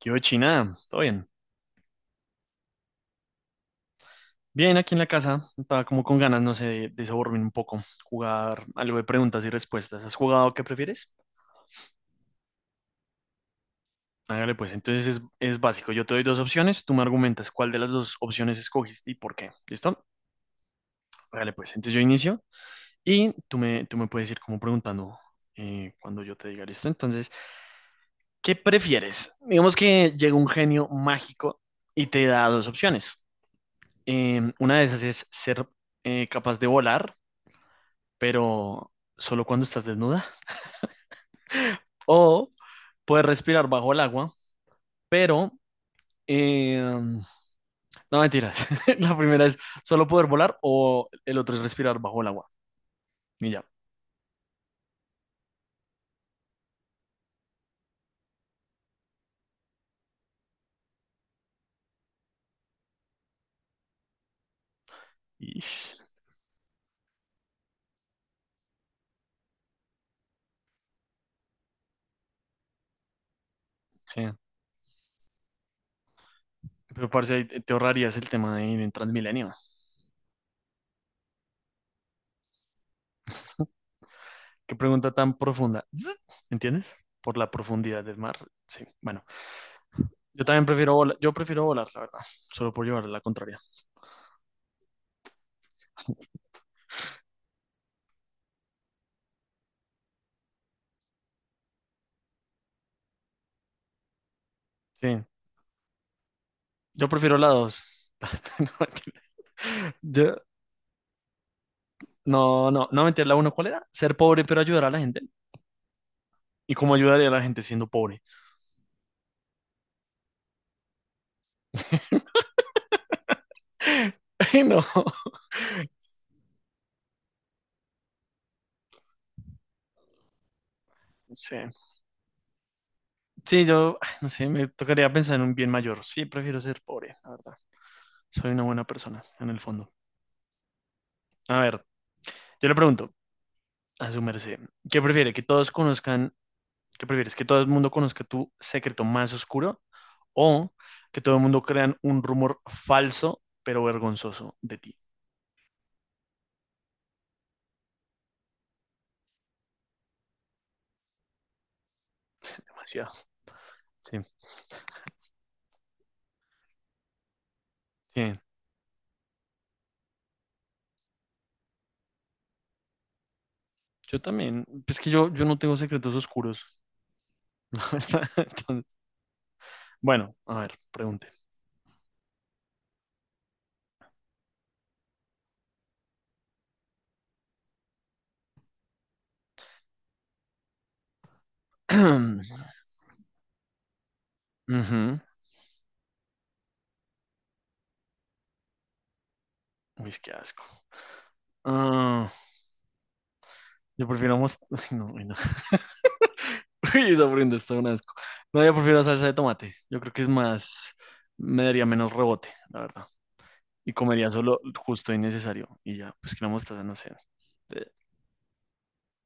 ¿Qué hubo, China? ¿Todo bien? Bien, aquí en la casa. Estaba como con ganas, no sé, de sobornarme un poco, jugar algo de preguntas y respuestas. ¿Has jugado qué prefieres? Hágale pues, entonces es básico. Yo te doy dos opciones, tú me argumentas cuál de las dos opciones escogiste y por qué. ¿Listo? Hágale pues, entonces yo inicio y tú me puedes ir como preguntando, cuando yo te diga, ¿listo? Entonces, ¿qué prefieres? Digamos que llega un genio mágico y te da dos opciones. Una de esas es ser capaz de volar, pero solo cuando estás desnuda. O puedes respirar bajo el agua, pero... eh, no, mentiras. La primera es solo poder volar o el otro es respirar bajo el agua. Y ya. Ish, sí. Pero parce, ahí te ahorrarías el tema de ir en Transmilenio. Qué pregunta tan profunda. Zzz, ¿entiendes? Por la profundidad del mar. Sí. Bueno, yo también prefiero volar. Yo prefiero volar, la verdad. Solo por llevar la contraria. Sí. Yo prefiero la dos. No, mentira. Yo, no, no, no meter la uno, ¿cuál era? Ser pobre pero ayudar a la gente. ¿Y cómo ayudaría a la gente siendo pobre? Ay, no, no sé. Sí, yo, ay, no sé, me tocaría pensar en un bien mayor. Sí, prefiero ser pobre, la verdad. Soy una buena persona, en el fondo. A ver, yo le pregunto a su merced, ¿qué prefiere? ¿Que todos conozcan, qué prefieres? ¿Que todo el mundo conozca tu secreto más oscuro o que todo el mundo crean un rumor falso pero vergonzoso de ti? Demasiado. Sí, sí. Yo también. Es que yo no tengo secretos oscuros. La verdad. Entonces, bueno, a ver, pregunte. Ujú. Uy, qué asco. Ah, yo prefiero mos- ay, no, uy, no. Uy, esa prenda está un asco. No, yo prefiero salsa de tomate. Yo creo que es más, me daría menos rebote, la verdad. Y comería solo justo y necesario. Y ya, pues que la mostaza, no sé. Eh,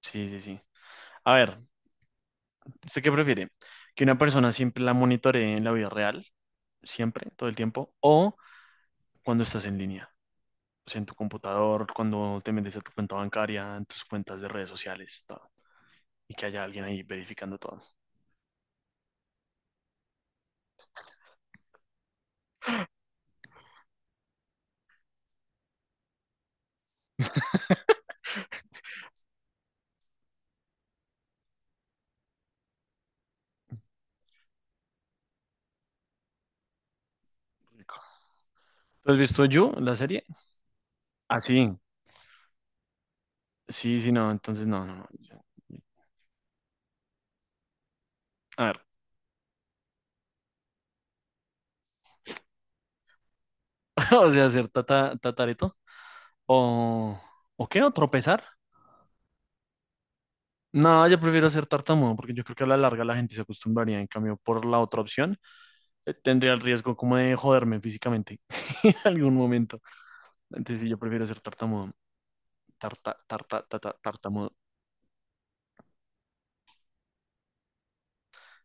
Sí, sí, sí. A ver, ¿usted qué prefiere? ¿Que una persona siempre la monitoree en la vida real? Siempre, todo el tiempo. ¿O cuando estás en línea? O sea, en tu computador, cuando te metes a tu cuenta bancaria, en tus cuentas de redes sociales, todo, y que haya alguien ahí verificando todo. Rico. ¿Tú has visto You, la serie? Ah, sí, sí, sí, no, entonces no, no, no. Yo- A ver, o sea, ser tata, tatareto o, ¿o qué? ¿O tropezar? No, yo prefiero ser tartamudo porque yo creo que a la larga la gente se acostumbraría. En cambio, por la otra opción, tendría el riesgo como de joderme físicamente en algún momento. Entonces, sí, yo prefiero ser tartamudo. Tarta, tarta, tata- tartamudo.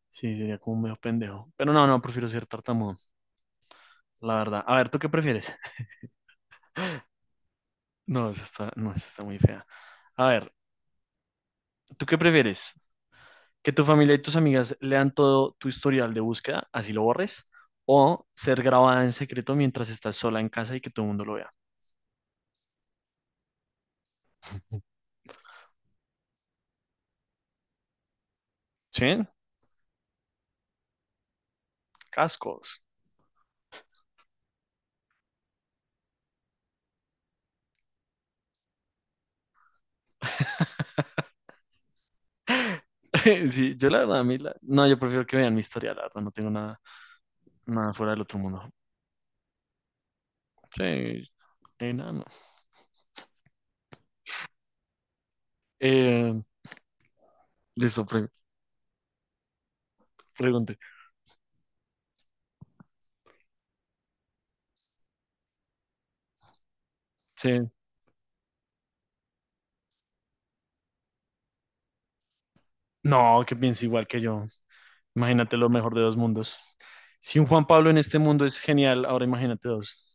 Sí, sería como medio pendejo. Pero no, no, prefiero ser tartamudo, la verdad. A ver, ¿tú qué prefieres? No, esa está, no, esa está muy fea. A ver, ¿tú qué prefieres? ¿Que tu familia y tus amigas lean todo tu historial de búsqueda, así lo borres? ¿O ser grabada en secreto mientras estás sola en casa y que todo el mundo lo vea? ¿Sí? Cascos. Sí, yo la verdad, a mí la- No, yo prefiero que vean mi historia, la verdad, no tengo nada, nada fuera del otro mundo. Sí, enano. Eh, Listo, pre- pregunte. Sí, no, que piense igual que yo. Imagínate lo mejor de dos mundos. Si un Juan Pablo en este mundo es genial, ahora imagínate dos.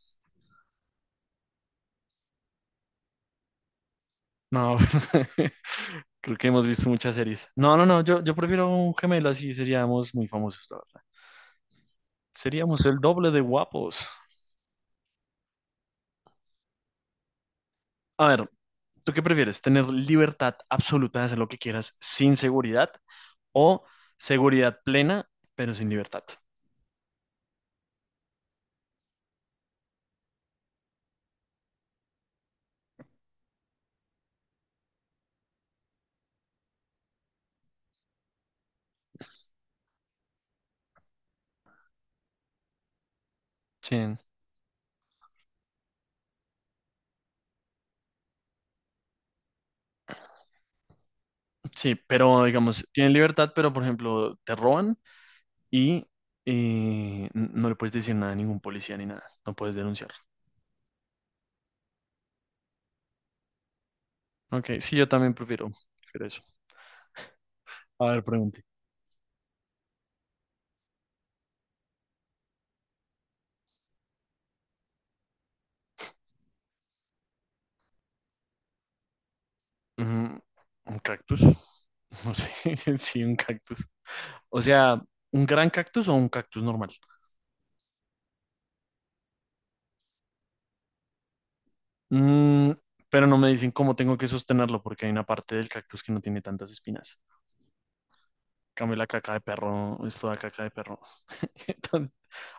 No, creo que hemos visto muchas series. No, no, no, yo prefiero un gemelo así, seríamos muy famosos, la verdad. Seríamos el doble de guapos. A ver, ¿tú qué prefieres? ¿Tener libertad absoluta de hacer lo que quieras sin seguridad o seguridad plena, pero sin libertad? Sí, sí, pero digamos, tienen libertad, pero por ejemplo, te roban y n- no le puedes decir nada a ningún policía ni nada, no puedes denunciar. Ok, sí, yo también prefiero, prefiero eso. A ver, pregunte. Mm, ¿un cactus? No sé, sí, un cactus. O sea, ¿un gran cactus o un cactus normal? Mm, pero no me dicen cómo tengo que sostenerlo porque hay una parte del cactus que no tiene tantas espinas. En cambio la caca de perro, es toda caca de perro. Entonces,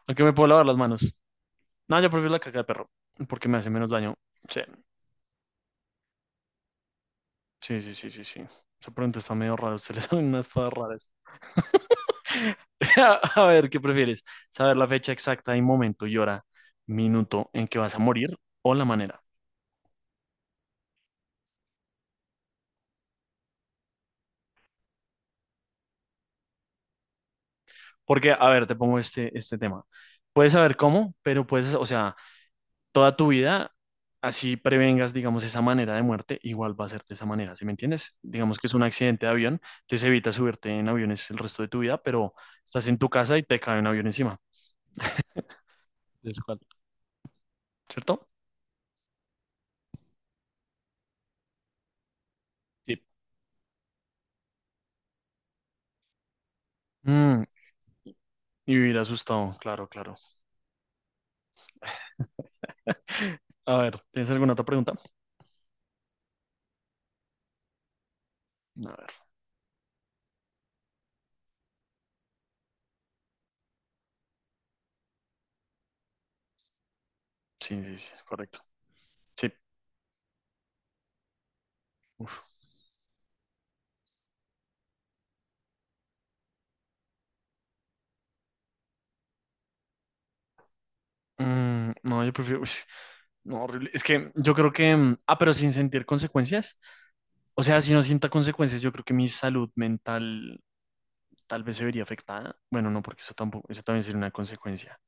aunque me puedo lavar las manos. No, yo prefiero la caca de perro porque me hace menos daño. Sí. Sí, sí, sí, sí, sí. Esa pregunta está medio rara. Ustedes saben unas todas raras. A ver, ¿qué prefieres? ¿Saber la fecha exacta y momento y hora, minuto en que vas a morir o la manera? Porque, a ver, te pongo este tema. Puedes saber cómo, pero puedes, o sea, toda tu vida, así prevengas, digamos, esa manera de muerte, igual va a ser de esa manera, ¿sí me entiendes? Digamos que es un accidente de avión, entonces evitas subirte en aviones el resto de tu vida, pero estás en tu casa y te cae un avión encima. Es cual. ¿Cierto? Sí. Mm, y vivir asustado, claro, claro. A ver, ¿tienes alguna otra pregunta? A ver, sí, sí, sí, correcto. Sí. Mm, no, yo prefiero... uy, no, horrible. Es que yo creo que... mm, ah, pero sin sentir consecuencias. O sea, si no sienta consecuencias, yo creo que mi salud mental tal vez se vería afectada. Bueno, no, porque eso tampoco, eso también sería una consecuencia.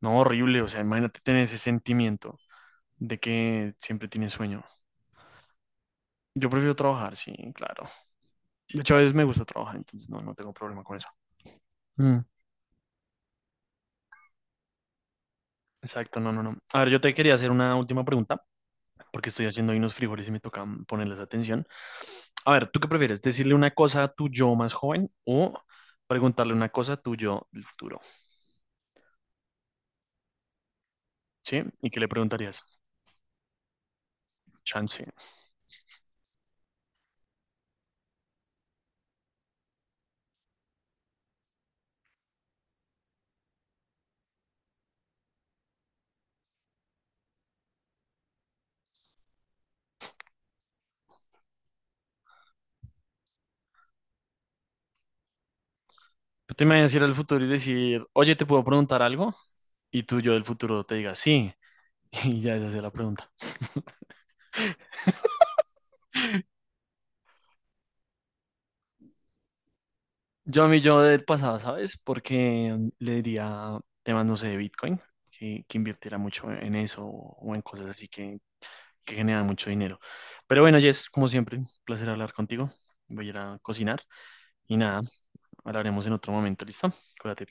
No, horrible. O sea, imagínate tener ese sentimiento de que siempre tienes sueño. Yo prefiero trabajar, sí, claro. De hecho, a veces me gusta trabajar, entonces no, no tengo problema con eso. Mm. Exacto, no, no, no. A ver, yo te quería hacer una última pregunta, porque estoy haciendo ahí unos frijoles y me toca ponerles atención. A ver, ¿tú qué prefieres? ¿Decirle una cosa a tu yo más joven o preguntarle una cosa a tu yo del futuro? ¿Sí? ¿Y qué le preguntarías? Chance. Tú te imaginas ir al futuro y decir, oye, ¿te puedo preguntar algo? Y tu yo del futuro te diga, sí. Y ya esa es la pregunta. Yo a mi yo del pasado, ¿sabes? Porque mm, le diría temas, no sé, de Bitcoin, que invirtiera mucho en eso o en cosas así que generan mucho dinero. Pero bueno, Jess, como siempre, un placer hablar contigo. Voy a ir a cocinar y nada, hablaremos en otro momento, ¿listo? Cuídate.